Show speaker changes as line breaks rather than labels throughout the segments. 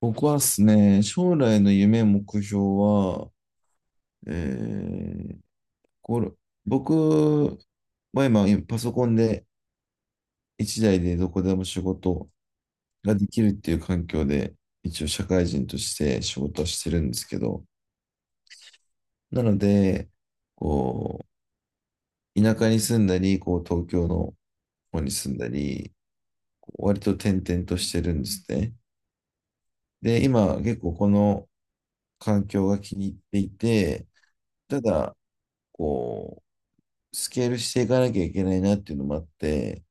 僕はですね、将来の夢、目標は、えー、これ、僕は今、パソコンで一台でどこでも仕事ができるっていう環境で、一応社会人として仕事はしてるんですけど、なので、こう、田舎に住んだり、こう、東京の方に住んだり、こう割と転々としてるんですね。で、今、結構この環境が気に入っていて、ただ、こう、スケールしていかなきゃいけないなっていうのもあって、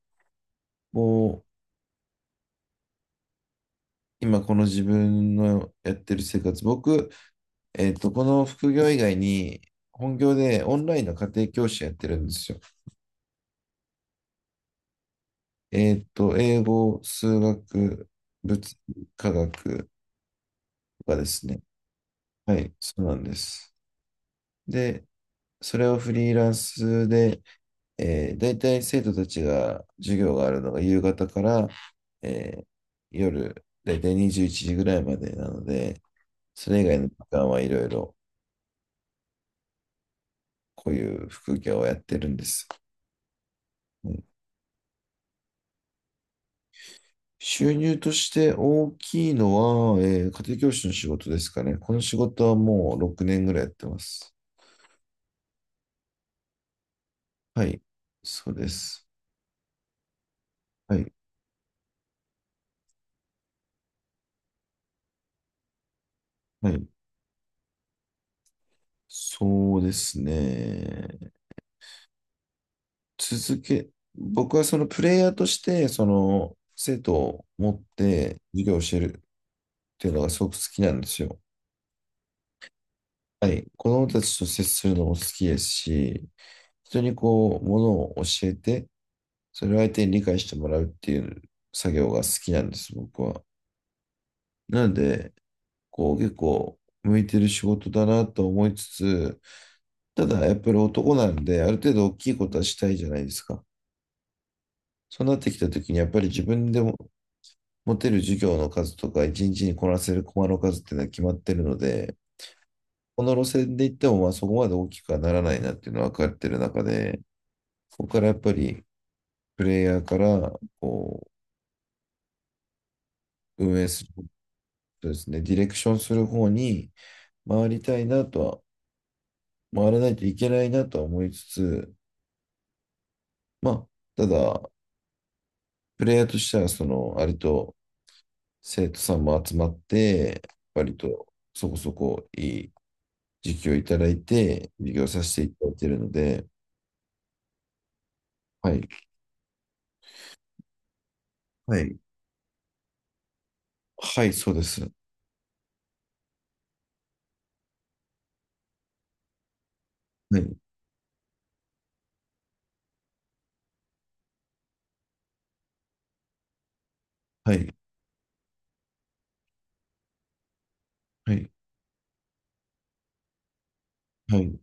もう今この自分のやってる生活、僕、この副業以外に本業でオンラインの家庭教師やってるんですよ。英語、数学、物理、科学とかですね。はい、そうなんです。で、それをフリーランスで、大体生徒たちが授業があるのが夕方から、えー夜、大体21時ぐらいまでなので、それ以外の時間はいろいろこういう副業をやってるんです。うん、収入として大きいのは、家庭教師の仕事ですかね。この仕事はもう6年ぐらいやってます。はい。そうです。はい。はい。そうですね。続け、僕はそのプレイヤーとして、その生徒を持って授業を教えるっていうのがすごく好きなんですよ。はい。子供たちと接するのも好きですし、人にこう、ものを教えて、それを相手に理解してもらうっていう作業が好きなんです、僕は。なので、こう結構向いてる仕事だなと思いつつ、ただやっぱり男なんで、ある程度大きいことはしたいじゃないですか。そうなってきた時に、やっぱり自分でも持てる授業の数とか、一日にこなせるコマの数っていうのは決まってるので、この路線で行っても、まあそこまで大きくはならないなっていうのは分かってる中で、ここからやっぱりプレイヤーからこう運営する、そうですね、ディレクションする方に、回りたいなとは、回らないといけないなとは思いつつ、まあ、ただ、プレイヤーとしては、その、あれと生徒さんも集まって、割とそこそこいい時期をいただいて、授業させていただいているので、はい、はい、はい、そうです。はい、はい、はい、はい、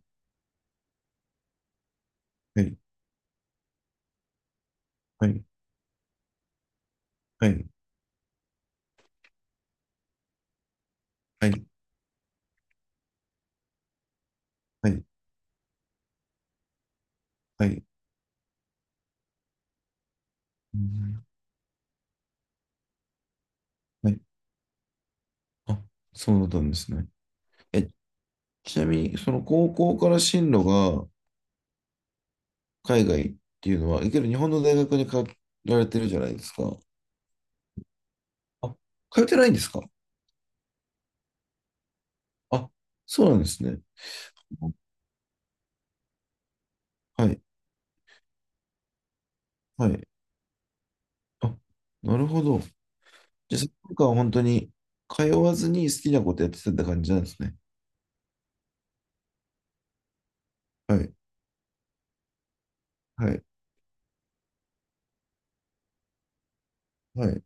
はい、はい、はい、はい、はい、はい、うん、はい、あ、そうだったんですね。え、ちなみに、その高校から進路が、海外っていうのは、いける日本の大学に通られてるじゃないですか。あ、通ってないんですか？あ、そうなんですね。はい、はい。あ、なるほど。じゃあ、その間は本当に通わずに好きなことやってたって感じなんですね。はい、はい、はい。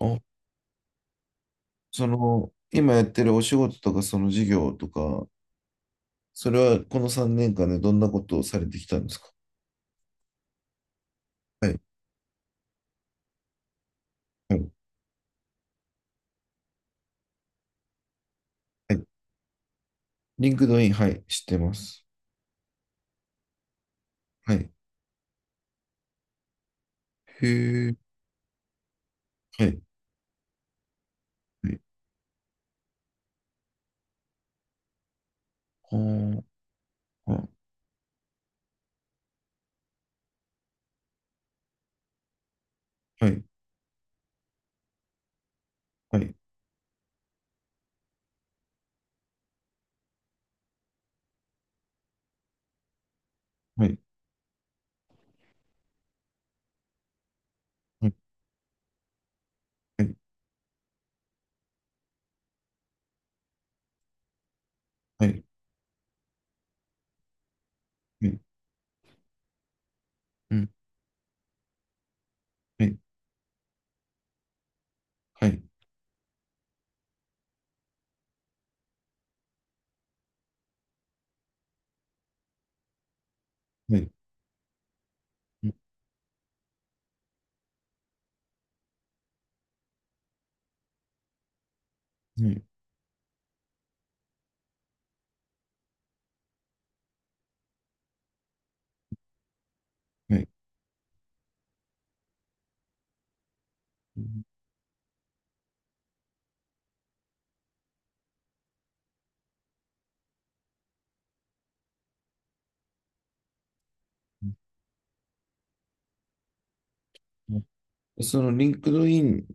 あ、その、今やってるお仕事とか、その事業とか、それはこの3年間でどんなことをされてきたんですか？はい、はい、はい。リンクドイン、はい、知ってます。はい。へえ、はい、はい。あー、あ、はい、はい、はい、はい、はい、はい、はい、うん、はい、はい、はい、うん、はい、はい。うん、うん、うん、その、リンクドイン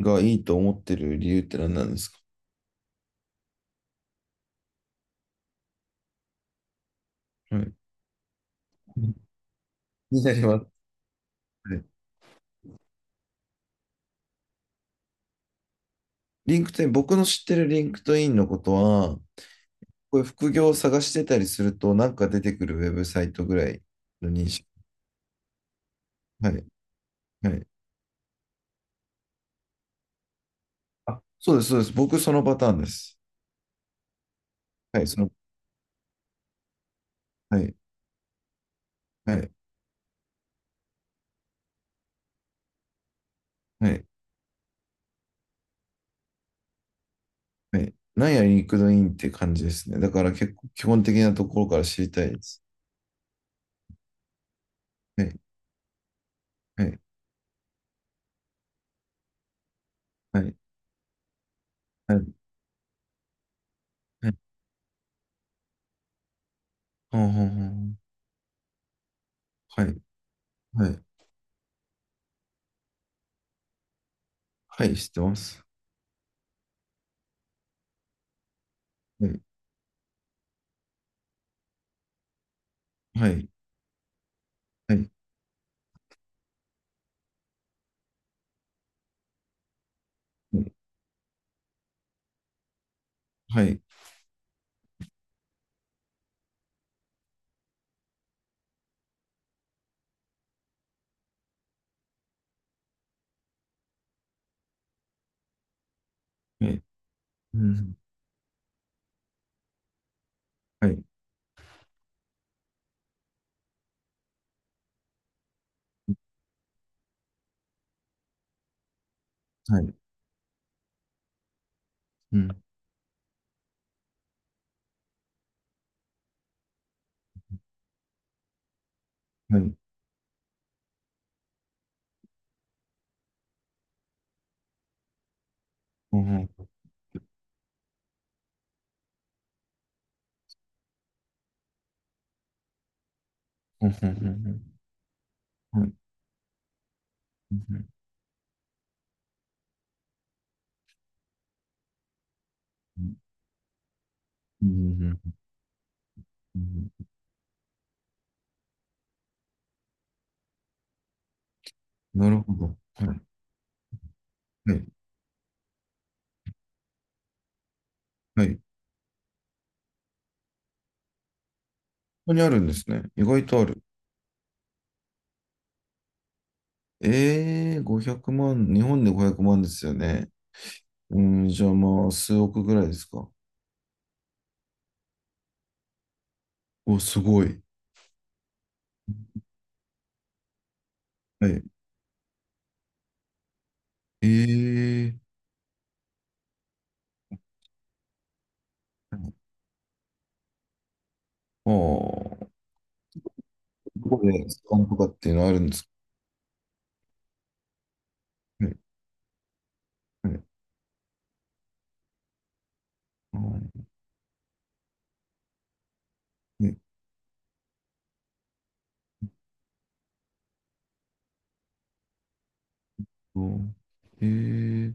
がいいと思ってる理由って何なんですか？はい。になります。はい。リンクトイン、僕の知ってるリンクトインのことは、こういう副業を探してたりすると、なんか出てくるウェブサイトぐらいの認識。はい、はい。あ、そうです、そうです。僕、そのパターンです。はい、その、はい、はい、はい。はい。なんやリンクドインって感じですね。だから結構基本的なところから知りたいです。はい、はい、はい、はい、はい、ほんほんほん、はい、はい、はい、知ってます。はい、はい、はい、はい、はい、ね、うん、はい、はい、うん、はい、ほんほんほんほんほんほん、はい、うん、うん、うん、うん、なるほど。はい、はい、はい。ここにあるんですね。意外とある。500万、日本で500万ですよね。うん、じゃあまあ、数億ぐらいですか？お、すごい。はい。ええー、はい、ああ、どこでスカンとかっていうのあるんですか？はい。はい。はい。と、ええ